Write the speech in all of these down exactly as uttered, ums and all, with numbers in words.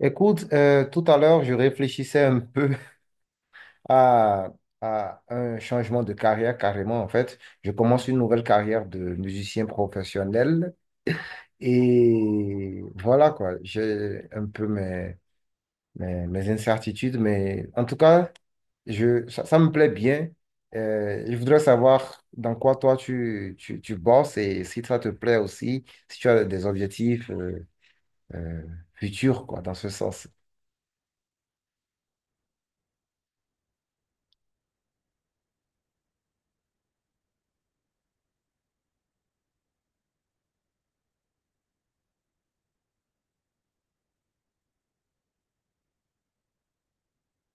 Écoute, euh, tout à l'heure, je réfléchissais un peu à, à un changement de carrière carrément. En fait, je commence une nouvelle carrière de musicien professionnel et voilà quoi. J'ai un peu mes, mes, mes incertitudes, mais en tout cas, je, ça, ça me plaît bien. Euh, je voudrais savoir dans quoi toi tu, tu, tu bosses et si ça te plaît aussi, si tu as des objectifs euh, euh, futurs quoi, dans ce sens.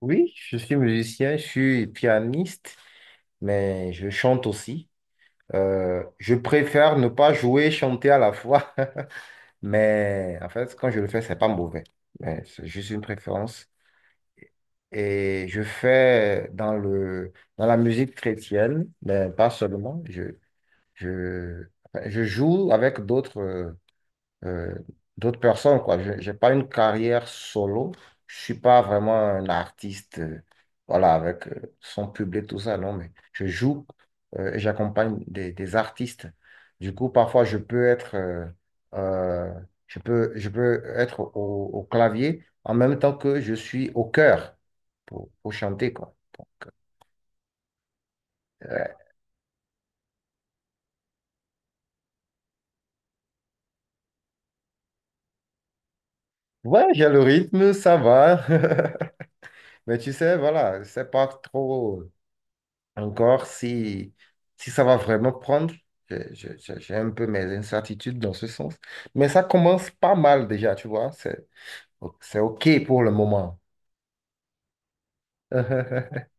Oui, je suis musicien, je suis pianiste, mais je chante aussi. Euh, je préfère ne pas jouer et chanter à la fois, mais en fait, quand je le fais, c'est pas mauvais. Mais c'est juste une préférence. Et je fais dans le, dans la musique chrétienne, mais pas seulement. Je, je, enfin, je joue avec d'autres. euh, euh, d'autres personnes, quoi. Je n'ai pas une carrière solo. Je suis pas vraiment un artiste, euh, voilà, avec euh, son public, tout ça, non, mais je joue euh, et j'accompagne des, des artistes. Du coup, parfois, je peux être, euh, euh, je peux, je peux être au, au clavier en même temps que je suis au cœur pour, pour chanter, quoi. Donc, euh, ouais, j'ai le rythme, ça va. Mais tu sais, voilà, c'est pas trop. Encore, si, si ça va vraiment prendre, je- je- je- j'ai un peu mes incertitudes dans ce sens. Mais ça commence pas mal déjà, tu vois. C'est, c'est OK pour le moment.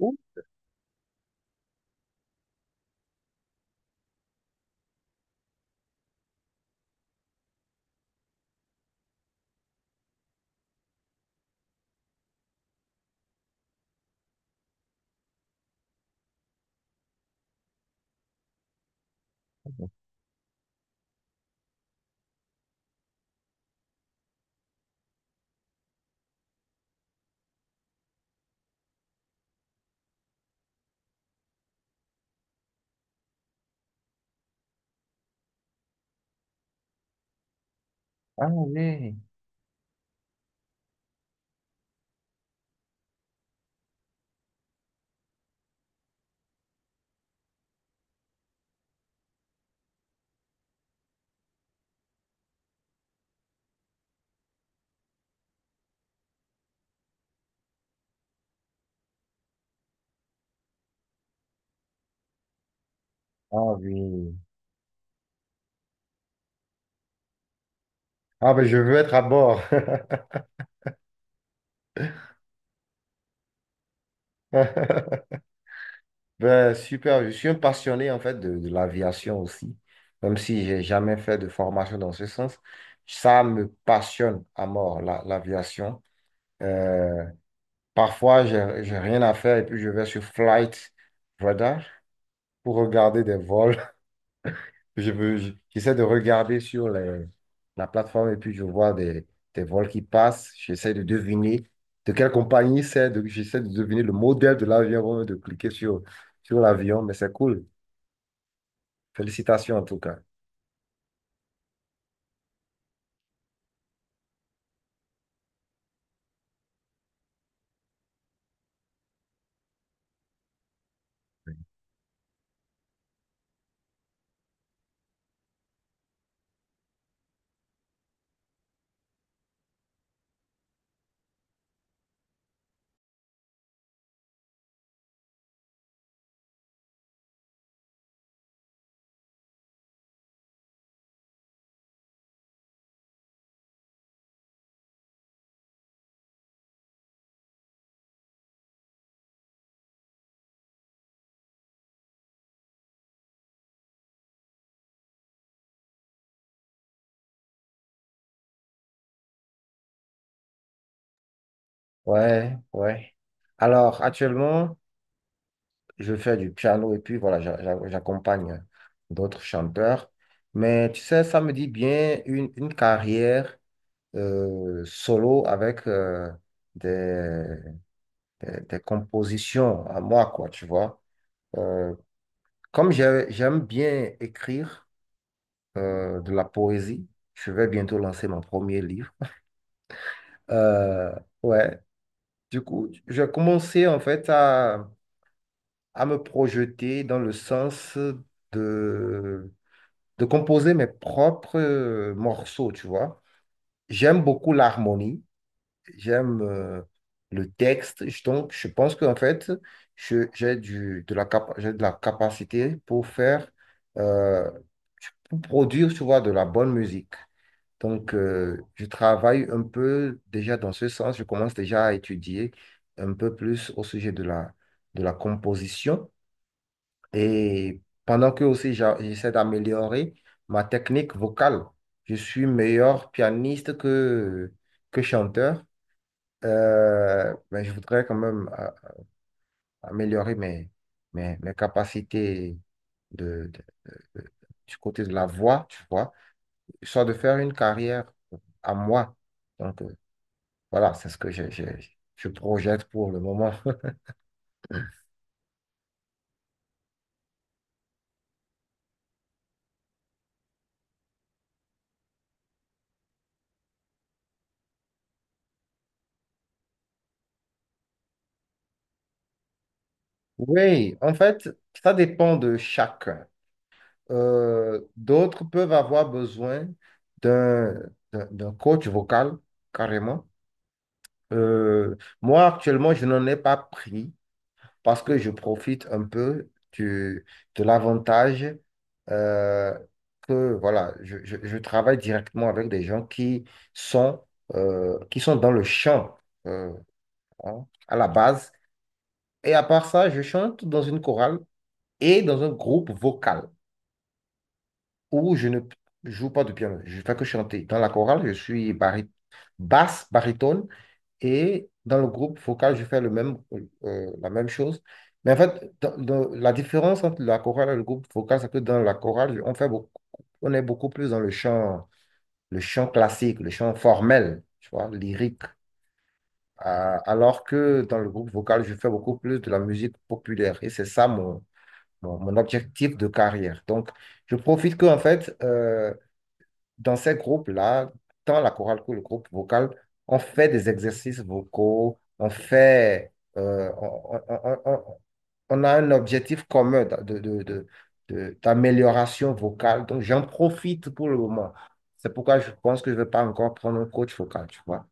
Ouh. Ah oui. Ah oui. Ah ben je veux être à bord. Ben, super, je suis un passionné en fait de, de l'aviation aussi, même si j'ai jamais fait de formation dans ce sens. Ça me passionne à mort, la- l'aviation. Euh, Parfois, j'ai, j'ai rien à faire et puis je vais sur Flight Radar pour regarder des vols. Je veux, je- j'essaie de regarder sur les- la plateforme et puis je vois des, des vols qui passent. J'essaie de deviner de quelle compagnie c'est. de- J'essaie de deviner le modèle de l'avion avant même de cliquer sur, sur l'avion. Mais c'est cool. Félicitations en tout cas. Ouais, ouais. Alors, actuellement, je fais du piano et puis voilà, j'a- j'a- j'accompagne d'autres chanteurs. Mais tu sais, ça me dit bien une, une carrière euh, solo avec euh, des, des, des compositions à moi, quoi, tu vois. Euh, comme j'ai- J'aime bien écrire euh, de la poésie, je vais bientôt lancer mon premier livre. Euh, ouais, du coup, j'ai commencé en fait à, à me projeter dans le sens de de composer mes propres euh, morceaux, tu vois. J'aime beaucoup l'harmonie, j'aime euh, le texte. Je- donc je pense qu'en fait, je- j'ai du, de la cap- j'ai de la capacité pour faire, euh, pour produire, tu vois, de la bonne musique. Donc, euh, je travaille un peu déjà dans ce sens, je commence déjà à étudier un peu plus au sujet de la, de la composition. Et pendant que aussi j'a- j'essaie d'améliorer ma technique vocale, je suis meilleur pianiste que, que chanteur. Euh, mais je voudrais quand même a- améliorer mes, mes, mes capacités de, de- de- du côté de la voix, tu vois, soit de faire une carrière à moi. Donc euh, voilà, c'est ce que je, je, je projette pour le moment. Oui, en fait, ça dépend de chacun. Euh, d'autres peuvent avoir besoin d'un d'un- d'un coach vocal, carrément. Euh, Moi, actuellement, je n'en ai pas pris parce que je profite un peu du, de l'avantage euh, que, voilà, je, je- je travaille directement avec des gens qui sont, euh, qui sont dans le chant euh, hein, à la base. Et à part ça, je chante dans une chorale et dans un groupe vocal, où je ne joue pas de piano. Je ne fais que chanter. Dans la chorale, je suis bari- basse, baryton, et dans le groupe vocal, je fais le même, euh, la même chose. Mais en fait, dans- dans- la différence entre la chorale et le groupe vocal, c'est que dans la chorale, on fait beaucoup, on est beaucoup plus dans le chant, le chant classique, le chant formel, tu vois, lyrique. Euh, alors que dans le groupe vocal, je fais beaucoup plus de la musique populaire. Et c'est ça mon, mon, mon objectif de carrière. Donc, je profite que, en fait, euh, dans ces groupes-là, tant la chorale que le groupe vocal, on fait des exercices vocaux, on fait, euh, on, on- on- on- on a un objectif commun d'a- de, de- de- de- d'amélioration vocale. Donc, j'en profite pour le moment. C'est pourquoi je pense que je ne vais pas encore prendre un coach vocal, tu vois.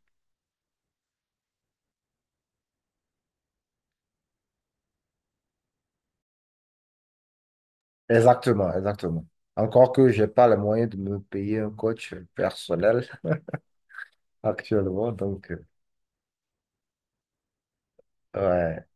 Exactement, exactement. Encore que je n'ai pas les moyens de me payer un coach personnel actuellement, donc, euh, ouais.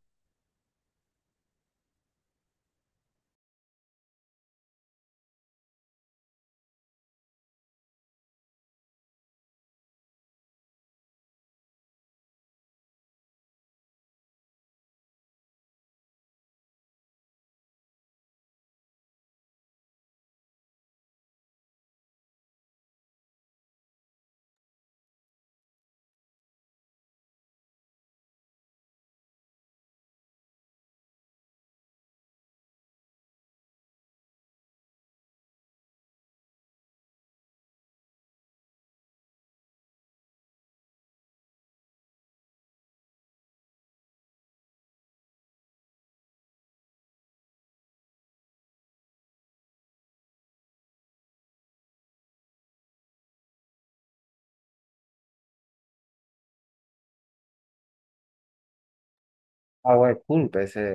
Ah ouais, cool, ben c'est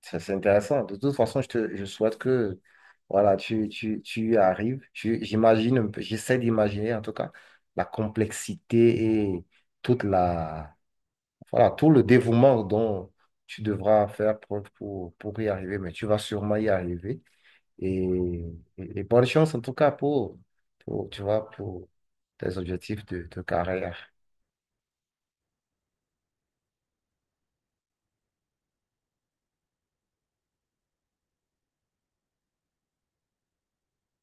ça, c'est intéressant. De toute façon, je te, je souhaite que voilà, tu, tu, tu y arrives. Tu- J'imagine, un peu- j'essaie d'imaginer en tout cas la complexité et toute la, voilà, tout le dévouement dont tu devras faire preuve pour, pour y arriver. Mais tu vas sûrement y arriver. Et, et- et bonne chance en tout cas pour, pour, tu vois, pour tes objectifs de, de carrière.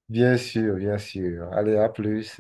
Bien sûr, bien sûr. Allez, à plus.